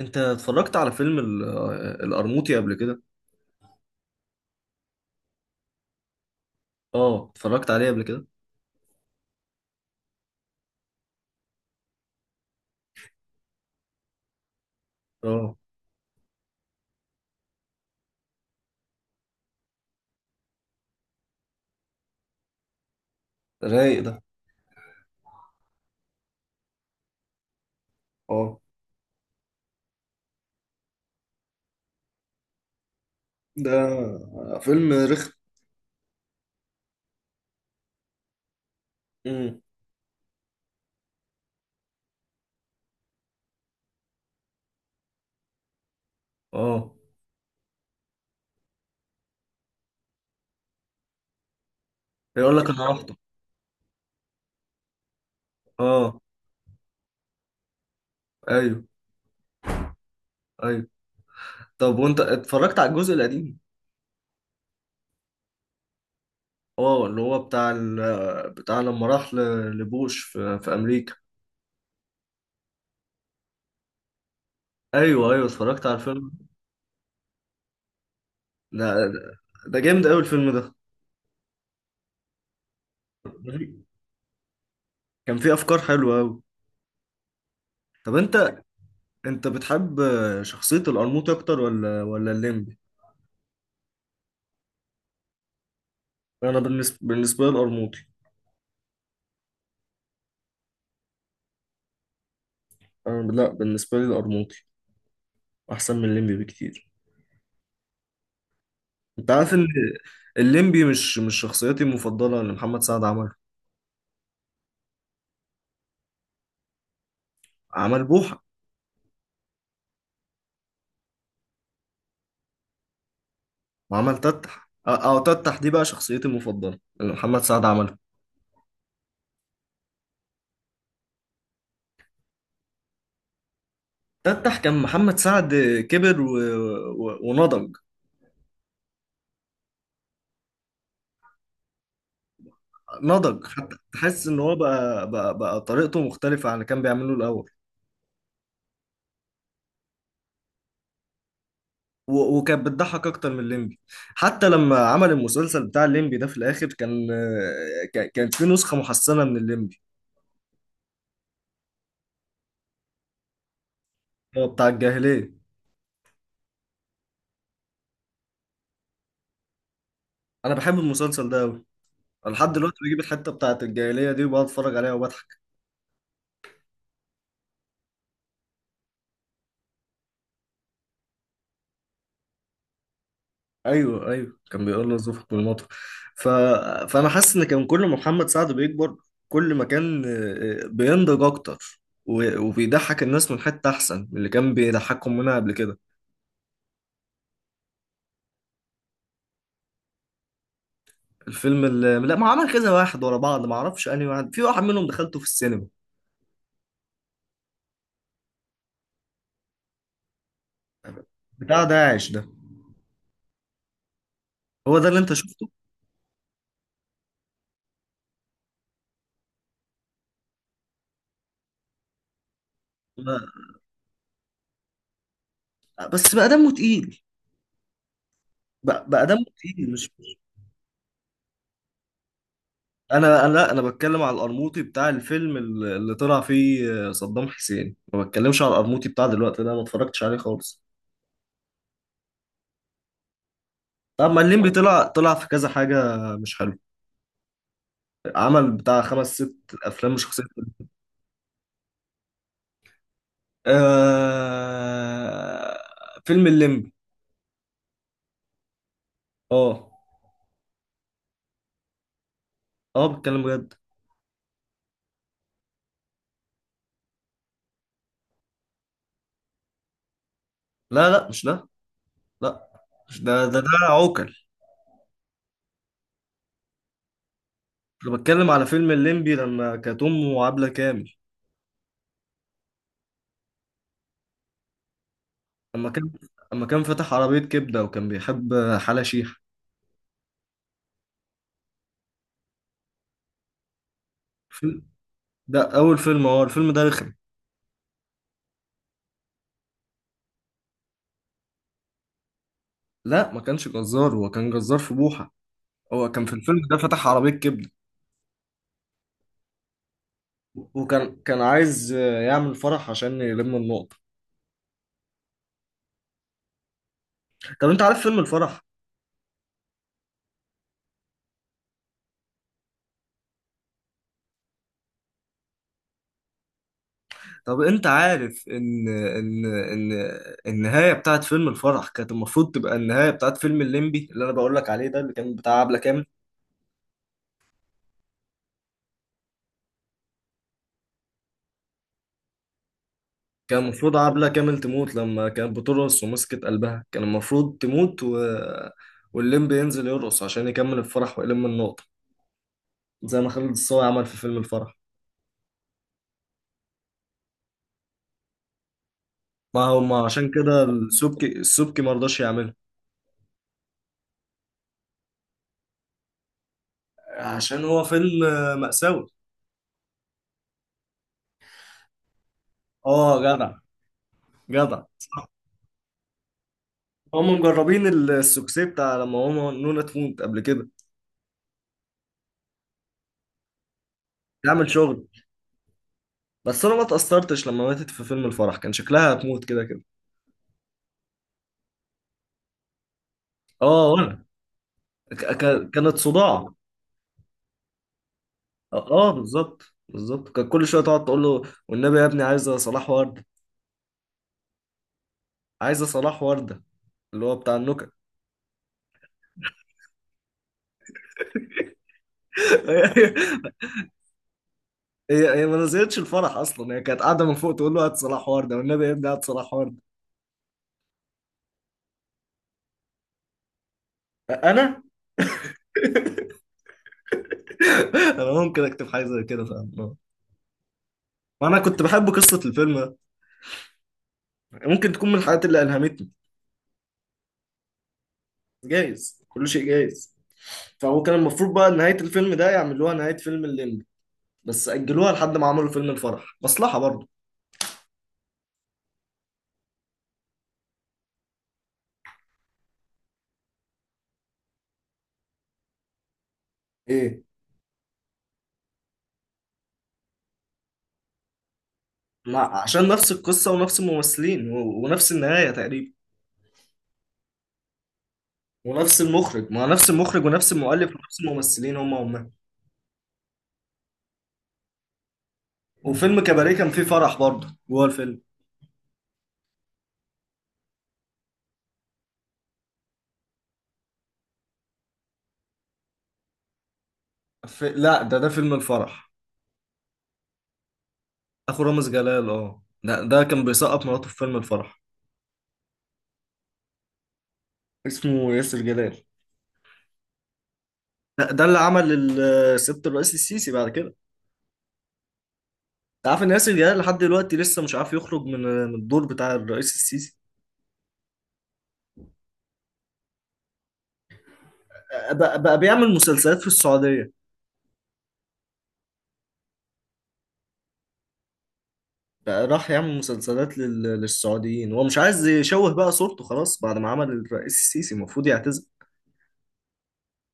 انت اتفرجت على فيلم القرموطي قبل كده؟ اه، اتفرجت عليه قبل كده. اه، رايق ده. اه، ده فيلم رخم. امم. اه، يقول لك انا رحت. اه، ايوه، ايوه. طب وانت اتفرجت على الجزء القديم؟ اه، اللي هو بتاع بتاع لما راح لبوش في امريكا. ايوه، ايوه، اتفرجت على الفيلم. ده ده ده جامد قوي الفيلم ده. كان فيه افكار حلوه قوي. طب انت بتحب شخصيه القرموطي اكتر ولا الليمبي؟ انا بالنسبه لي القرموطي. انا، لا، بالنسبه لي القرموطي احسن من الليمبي بكتير. انت عارف ان الليمبي مش شخصيتي المفضله اللي محمد سعد عمله. عمل بوحه، وعمل تتح، او تتح دي بقى شخصيتي المفضله اللي محمد سعد عمله. تتح كان محمد سعد كبر ونضج. نضج حتى تحس ان هو بقى طريقته مختلفه عن اللي كان بيعمله الاول. وكانت بتضحك اكتر من الليمبي. حتى لما عمل المسلسل بتاع الليمبي ده في الاخر كان آه، كان كان في نسخه محسنه من الليمبي. هو بتاع الجاهليه. انا بحب المسلسل ده قوي. انا لحد دلوقتي بجيب الحته بتاعت الجاهليه دي وبقعد اتفرج عليها وبضحك. ايوه، ايوه، كان بيقول له زوفك بالمطر. ف... فانا حاسس ان كان كل ما محمد سعد بيكبر، كل ما كان بينضج اكتر وبيضحك الناس من حته احسن من اللي كان بيضحكهم منها قبل كده. الفيلم اللي، لا، ما عمل كذا واحد ورا بعض، ما اعرفش انهي واحد، في واحد منهم دخلته في السينما. بتاع داعش ده، هو ده اللي انت شفته؟ لا، بس بقى دمه تقيل. بقى دمه تقيل، مش... انا انا لا، انا بتكلم على القرموطي بتاع الفيلم اللي طلع فيه صدام حسين. ما بتكلمش على القرموطي بتاع دلوقتي ده، ما اتفرجتش عليه خالص. طب ما الليمبي طلع في كذا حاجة مش حلوة. عمل بتاع خمس ست أفلام مش شخصية. آه... فيلم الليمبي. اه، اه، بتكلم بجد. لا، لا، مش ده. لا، ده عوكل. انا بتكلم على فيلم الليمبي لما كانت امه عبلة كامل. اما كان اما كان فاتح عربية كبدة، وكان بيحب حلا شيحة. فيلم- ده اول فيلم، هو الفيلم ده رخم. لا، ما كانش جزار، هو كان جزار في بوحة. هو كان في الفيلم ده فتح عربية كبدة. وكان عايز يعمل فرح عشان يلم النقطة. طب انت عارف فيلم الفرح؟ طب انت عارف ان النهاية بتاعت فيلم الفرح كانت المفروض تبقى النهاية بتاعت فيلم الليمبي اللي انا بقول لك عليه ده، اللي كان بتاع عبلة كامل. كان المفروض عبلة كامل تموت لما كانت بترقص ومسكت قلبها، كان المفروض تموت والليمبي ينزل يرقص عشان يكمل الفرح ويلم النقطة زي ما خالد الصاوي عمل في فيلم الفرح. ما هو، ما عشان كده السبكي السبكي ما رضاش يعمله، عشان هو فيلم مأساوي. اه، جدع، جدع. هم مجربين السوكسي بتاع لما هو نونا تموت قبل كده، تعمل شغل. بس انا ما اتأثرتش لما ماتت في فيلم الفرح، كان شكلها هتموت كده كده. اه، وانا كانت صداع. اه، بالظبط، بالظبط. كان كل شويه تقعد تقول له: والنبي يا ابني عايزه صلاح ورده، عايزه صلاح ورده اللي هو بتاع النكت. هي هي ما نزلتش الفرح اصلا، هي كانت قاعده من فوق تقول له: هات صلاح ورده، والنبي يا ابني، هات صلاح ورده. انا انا ممكن اكتب حاجه زي كده، فاهم. وانا كنت بحب قصه الفيلم ده، ممكن تكون من الحاجات اللي الهمتني. جايز، كل شيء جايز. فهو كان المفروض بقى نهايه الفيلم ده يعملوها نهايه فيلم الليمبي، بس اجلوها لحد ما عملوا فيلم الفرح، مصلحه برضه. ايه؟ ما عشان نفس القصة ونفس الممثلين ونفس النهاية تقريبا ونفس المخرج. ما نفس المخرج ونفس المؤلف ونفس الممثلين هم هم. وفيلم كباريه كان فيه فرح برضه جوه الفيلم. لا، ده فيلم الفرح. اخو رامز جلال، اه، ده كان بيسقط مراته في فيلم الفرح. اسمه ياسر جلال. ده اللي عمل سيادة الرئيس السيسي بعد كده. انت عارف ان ياسر جلال لحد دلوقتي لسه مش عارف يخرج من الدور بتاع الرئيس السيسي. بقى بيعمل مسلسلات في السعودية. بقى راح يعمل مسلسلات للسعوديين، هو مش عايز يشوه بقى صورته خلاص بعد ما عمل الرئيس السيسي، المفروض يعتزل.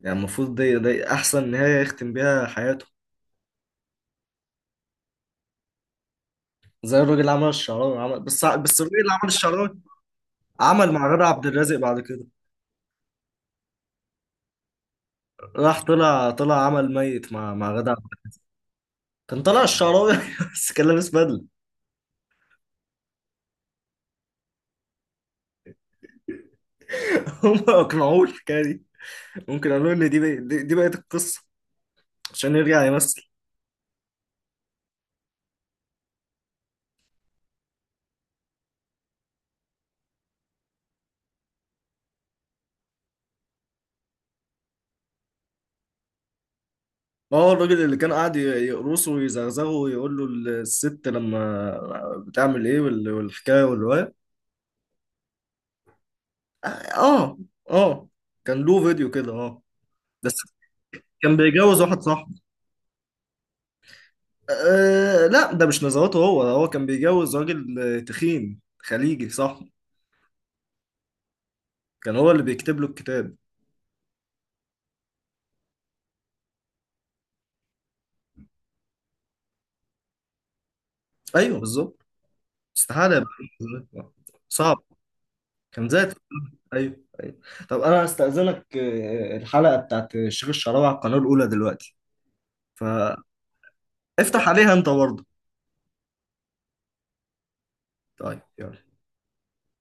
يعني المفروض دي احسن نهاية يختم بيها حياته. زي الراجل اللي عمل الشعراوي عمل، بس الراجل اللي عمل الشعراوي عمل مع غادة عبد الرازق بعد كده. راح طلع عمل ميت مع غادة عبد الرازق. كان طلع الشعراوي بس كان لابس بدلة. هم اقنعوه الحكاية دي، ممكن قالوا ان دي بقت القصة عشان يرجع يمثل. اه، الراجل اللي كان قاعد يقرصه ويزغزغه ويقول له: الست لما بتعمل ايه، والحكايه والروايه. اه، اه، كان له فيديو كده، اه. بس كان بيجوز واحد صاحبه. آه، لا، ده مش نزواته، هو هو كان بيجوز راجل تخين خليجي صاحبه. كان هو اللي بيكتب له الكتاب. ايوه، بالظبط. استحاله يبقى له نزوات. صعب. كان ذاتي. ايوه، ايوه. طب انا هستأذنك، الحلقه بتاعت الشيخ الشعراوي على القناه الاولى دلوقتي، فافتح عليها انت برضه. طيب، يلا.